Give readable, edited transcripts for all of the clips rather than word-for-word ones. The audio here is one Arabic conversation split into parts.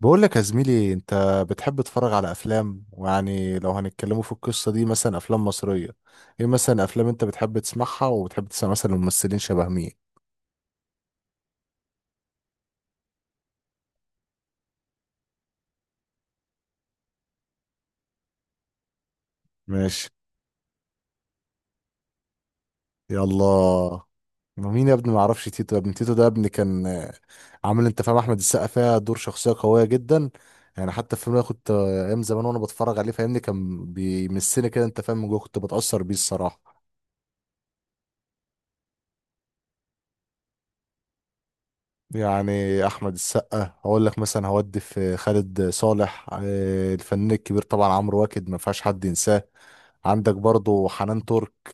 بقول لك يا زميلي انت بتحب تتفرج على افلام، ويعني لو هنتكلموا في القصة دي مثلا افلام مصرية، ايه مثلا افلام انت بتحب تسمعها وبتحب تسمع مثلا ممثلين شبه مين؟ ماشي. يلا. مين يا ابني؟ ما اعرفش تيتو يا ابني. تيتو ده يا ابني كان عامل، انت فاهم، احمد السقا فيها دور شخصية قوية جدا. يعني حتى الفيلم ده كنت ايام زمان وانا بتفرج عليه، فاهمني، كان بيمسني كده، انت فاهم، من جوه كنت بتأثر بيه الصراحة. يعني احمد السقا هقول لك مثلا هودي، في خالد صالح الفنان الكبير طبعا، عمرو واكد ما فيهاش حد ينساه. عندك برضو حنان ترك.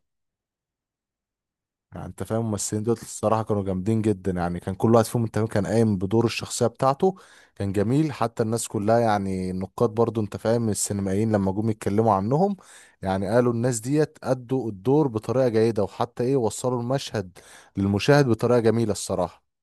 يعني انت فاهم الممثلين دول الصراحه كانوا جامدين جدا. يعني كان كل واحد فيهم، انت فاهم، كان قايم بدور الشخصيه بتاعته. كان جميل حتى الناس كلها، يعني النقاد برضو، انت فاهم، السينمائيين لما جم يتكلموا عنهم، يعني قالوا الناس ديت ادوا الدور بطريقه جيده، وحتى ايه، وصلوا المشهد للمشاهد بطريقه جميله الصراحه.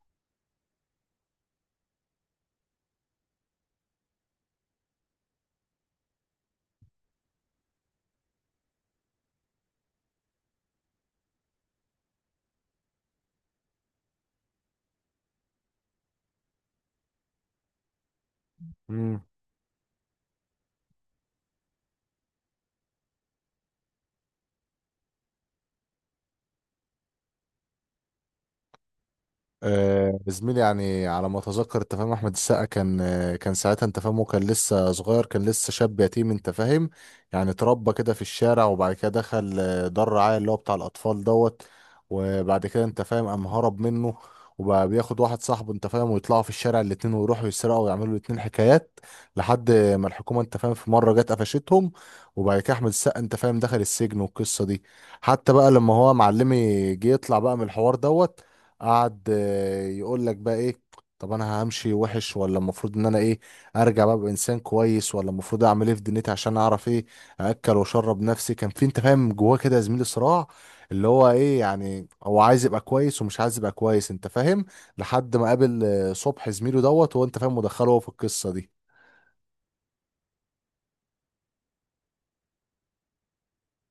زميلي، يعني على ما اتذكر، انت فاهم، احمد السقا كان كان ساعتها، انت فاهم، وكان لسه صغير، كان لسه شاب يتيم، انت فاهم. يعني اتربى كده في الشارع، وبعد كده دخل دار رعاية اللي هو بتاع الاطفال دوت. وبعد كده، انت فاهم، قام هرب منه، وبقى بياخد واحد صاحبه، انت فاهم، ويطلعوا في الشارع الاتنين، ويروحوا يسرقوا ويعملوا الاتنين حكايات، لحد ما الحكومة، انت فاهم، في مرة جت قفشتهم. وبعد كده احمد السقا، انت فاهم، دخل السجن والقصة دي. حتى بقى لما هو معلمي جه يطلع بقى من الحوار دوت، قعد يقول لك بقى ايه. طب انا همشي وحش، ولا المفروض ان انا ايه، ارجع بقى ابقى انسان كويس، ولا المفروض اعمل ايه في دنيتي عشان اعرف ايه ااكل واشرب نفسي؟ كان في، انت فاهم، جواه كده يا زميلي صراع، اللي هو ايه، يعني هو عايز يبقى كويس ومش عايز يبقى كويس، انت فاهم. لحد ما قابل صبح زميله دوت، وانت فاهم، مدخله هو في القصه دي.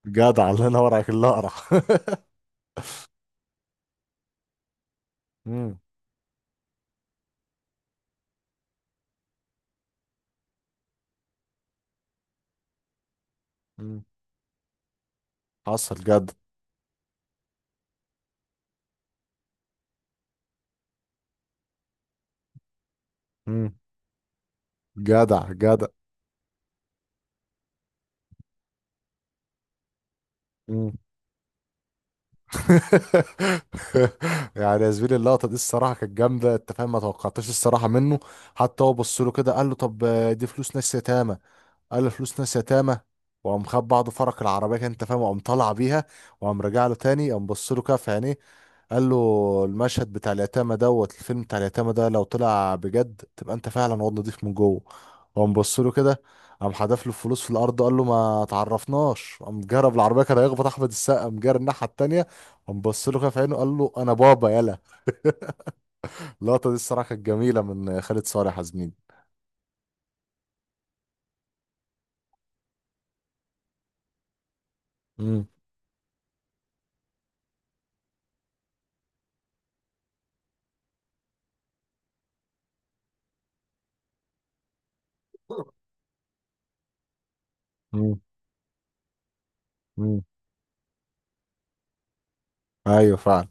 جدع، الله ينور عليك، اللي اقرع. مم. مم. حصل جدع. مم. جدع جدع. يعني يا زميلي اللقطه دي الصراحه كانت جامده، انت فاهم. ما توقعتش الصراحه منه. حتى هو بص له كده قال له طب دي فلوس ناس يتامى. قال فلوس ناس يتامى. وقام خد بعض فرق العربيه كده، انت فاهم، وقام طالع بيها. وقام راجع له تاني، قام بص له كده في عينيه، قال له المشهد بتاع اليتامى دوت، الفيلم بتاع اليتامى ده، لو طلع بجد تبقى انت فعلا واد نضيف من جوه. وقام بص له كده، قام حدف له الفلوس في الارض، قال له ما تعرفناش. قام جرب العربيه، كان هيخبط احمد السقا، قام جرى الناحيه التانيه. قام بص له كده في عينه، قال له انا بابا يلا. اللقطه دي الصراحه كانت جميله من خالد صالح يا زميلي. امم امم ايوه فعلا.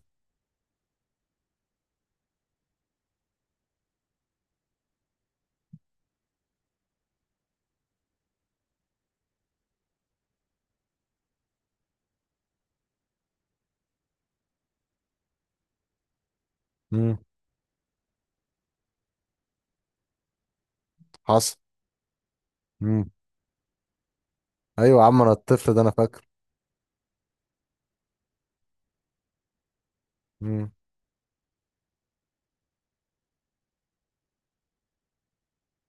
امم حصل. مم. ايوه يا عم، انا الطفل ده انا فاكر. مم.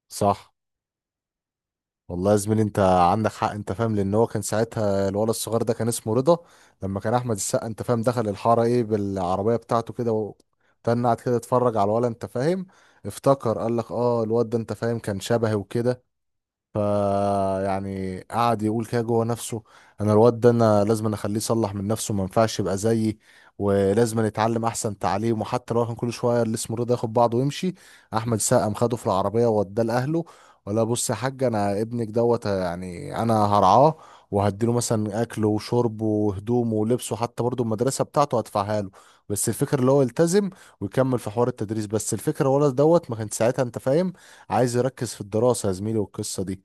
صح. والله يا زميلي انت عندك حق، انت فاهم، لان هو كان ساعتها الولد الصغير ده كان اسمه رضا. لما كان احمد السقا، انت فاهم، دخل الحاره ايه بالعربيه بتاعته كده، وتنعت كده اتفرج على الولد، انت فاهم، افتكر قال لك اه الواد ده، انت فاهم، كان شبهي وكده. ف، يعني قعد يقول كده جوه نفسه، انا الواد ده انا لازم اخليه يصلح من نفسه، ما ينفعش يبقى زيي، ولازم يتعلم احسن تعليم. وحتى لو كان كل شويه اللي اسمه رضا ياخد بعضه ويمشي، احمد السقا قام خده في العربيه ووداه لاهله. ولا بص يا حاج انا ابنك دوت، يعني انا هرعاه وهديله مثلا اكله وشربه وهدومه ولبسه، حتى برضه المدرسه بتاعته هدفعها له، بس الفكره اللي هو يلتزم ويكمل في حوار التدريس. بس الفكره الولد دوت ما كان ساعتها، انت فاهم، عايز يركز في الدراسه، يا زميلي، والقصه دي.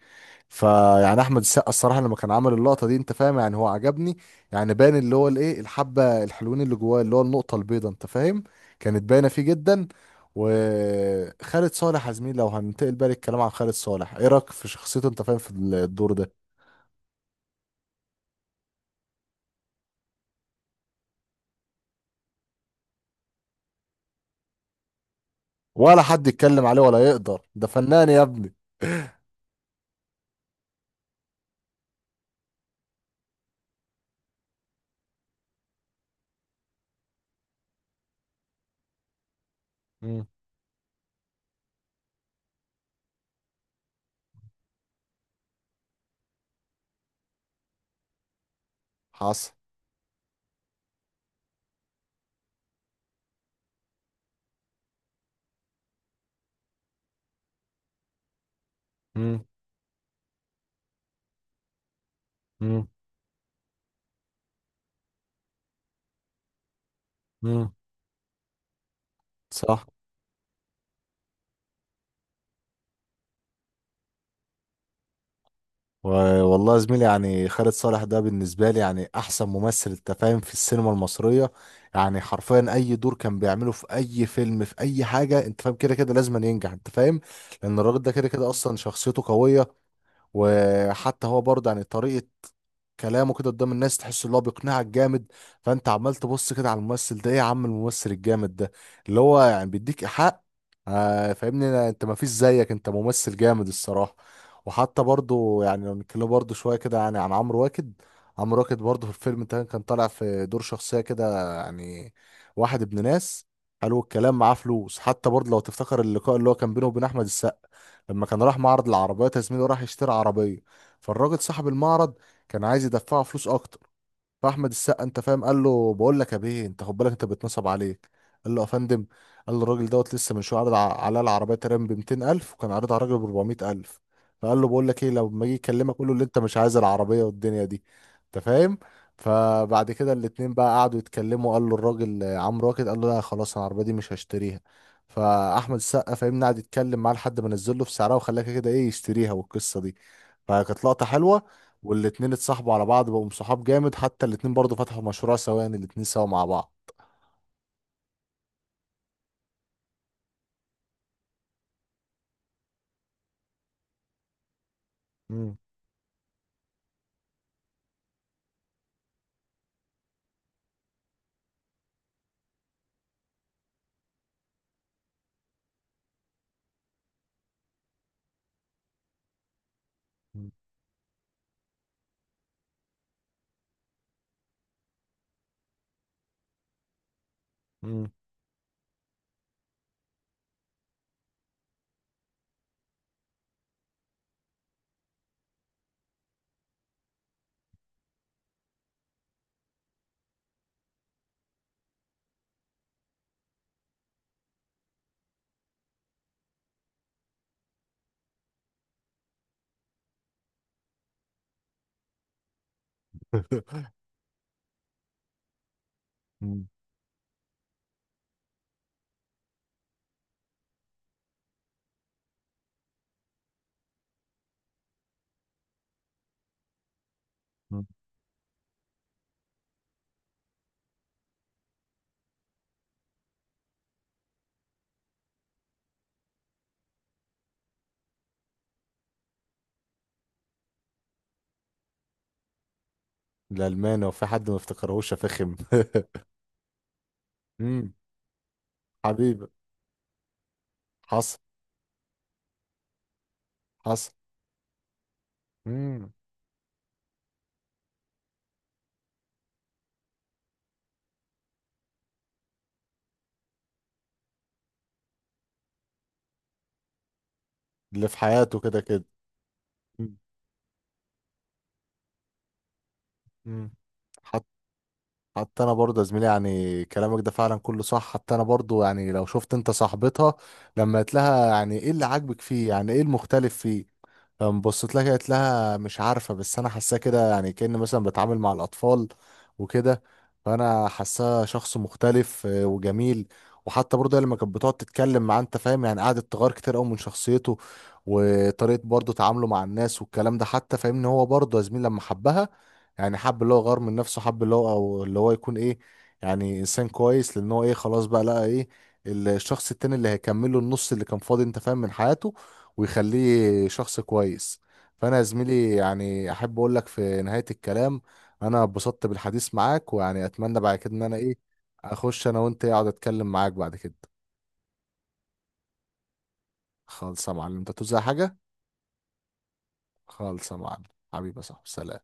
فيعني احمد السقا الصراحه لما كان عامل اللقطه دي، انت فاهم، يعني هو عجبني. يعني باين اللي هو الايه، الحبه الحلوين اللي جواه، اللي هو النقطه البيضاء، انت فاهم، كانت باينه فيه جدا. وخالد صالح يا زميلي، لو هننتقل بقى للكلام عن خالد صالح، ايه رايك في شخصيته، انت فاهم، في الدور ده؟ ولا حد يتكلم عليه ولا يقدر، ده فنان يا ابني. مم. حصل. مم. مم. مم. صح. و- والله يا زميلي، يعني خالد صالح ده بالنسبة لي يعني أحسن ممثل، أنت فاهم، في السينما المصرية. يعني حرفيا أي دور كان بيعمله في أي فيلم في أي حاجة، أنت فاهم، كده كده لازم ينجح، أنت فاهم. لأن الراجل ده كده كده أصلا شخصيته قوية. وحتى هو برضه، يعني طريقة كلامه كده قدام الناس، تحس ان هو بيقنعك جامد. فانت عمال تبص كده على الممثل ده، ايه يا عم الممثل الجامد ده، اللي هو يعني بيديك حق. آه فاهمني، انت ما فيش زيك، انت ممثل جامد الصراحة. وحتى برضه يعني لو نتكلم برضه شوية كده يعني عن عمرو واكد. عمرو واكد برضه في الفيلم ده كان طالع في دور شخصية كده، يعني واحد ابن ناس، حلو الكلام، معاه فلوس. حتى برضه لو تفتكر اللقاء اللي هو كان بينه وبين احمد السقا، لما كان راح معرض العربيات، يا زميلي، وراح يشتري عربية، فالراجل صاحب المعرض كان عايز يدفعه فلوس اكتر. فاحمد السقا، انت فاهم، قال له بقول لك يا بيه، انت خد بالك انت بيتنصب عليك. قال له يا فندم، قال له الراجل دوت لسه من شويه عرض ع- على العربيه تقريبا ب 200000، وكان عارضها على الراجل ب 400000. فقال له بقول لك ايه، لما اجي اكلمك قول له اللي انت مش عايز العربيه والدنيا دي، انت فاهم. فبعد كده الاتنين بقى قعدوا يتكلموا، قال له الراجل عمرو واكد، قال له لا خلاص انا العربيه دي مش هشتريها. فاحمد السقا، فاهمني، قعد يتكلم معاه لحد ما نزل له في سعرها، وخلاها كده كده ايه، يشتريها، والقصه دي. فكانت لقطه حلوه. والاتنين اتصاحبوا على بعض، بقوا صحاب جامد، حتى الاتنين برضو فتحوا مشروع سوا، يعني الاتنين سوا مع بعض. مم. مم. مم. مم. مم. الألماني وفي حد ما افتكرهوش يا فخم. مم. حبيبي. حصل. حصل. مم. اللي في حياته كده كده. مم. مم. حت- حتى انا برضه يا زميلي يعني كلامك ده فعلا كله صح. حتى انا برضه يعني لو شفت انت صاحبتها، لما قلت لها يعني ايه اللي عاجبك فيه، يعني ايه المختلف فيه، فقام بصيت لها قالت لها مش عارفة، بس أنا حاساه كده يعني كأن مثلا بتعامل مع الأطفال وكده، فأنا حاساه شخص مختلف وجميل. وحتى برضه هي لما كانت بتقعد تتكلم معاه، أنت فاهم، يعني قعدت تغير كتير أوي من شخصيته، وطريقة برضه تعامله مع الناس والكلام ده. حتى فاهمني هو برضه يا زميل لما حبها، يعني حب، اللي هو غير من نفسه، حب اللي هو، أو اللي هو يكون إيه، يعني إنسان كويس. لأن هو إيه، خلاص بقى لقى إيه، الشخص التاني اللي هيكمله النص اللي كان فاضي، أنت فاهم، من حياته، ويخليه شخص كويس. فانا يا زميلي يعني احب اقول لك في نهاية الكلام، انا اتبسطت بالحديث معاك، ويعني اتمنى بعد كده ان انا ايه، اخش انا وانت إيه، اقعد اتكلم معاك بعد كده. خالص يا معلم، انت توزع حاجة. خالص يا معلم. حبيبي يا صاحبي، سلام.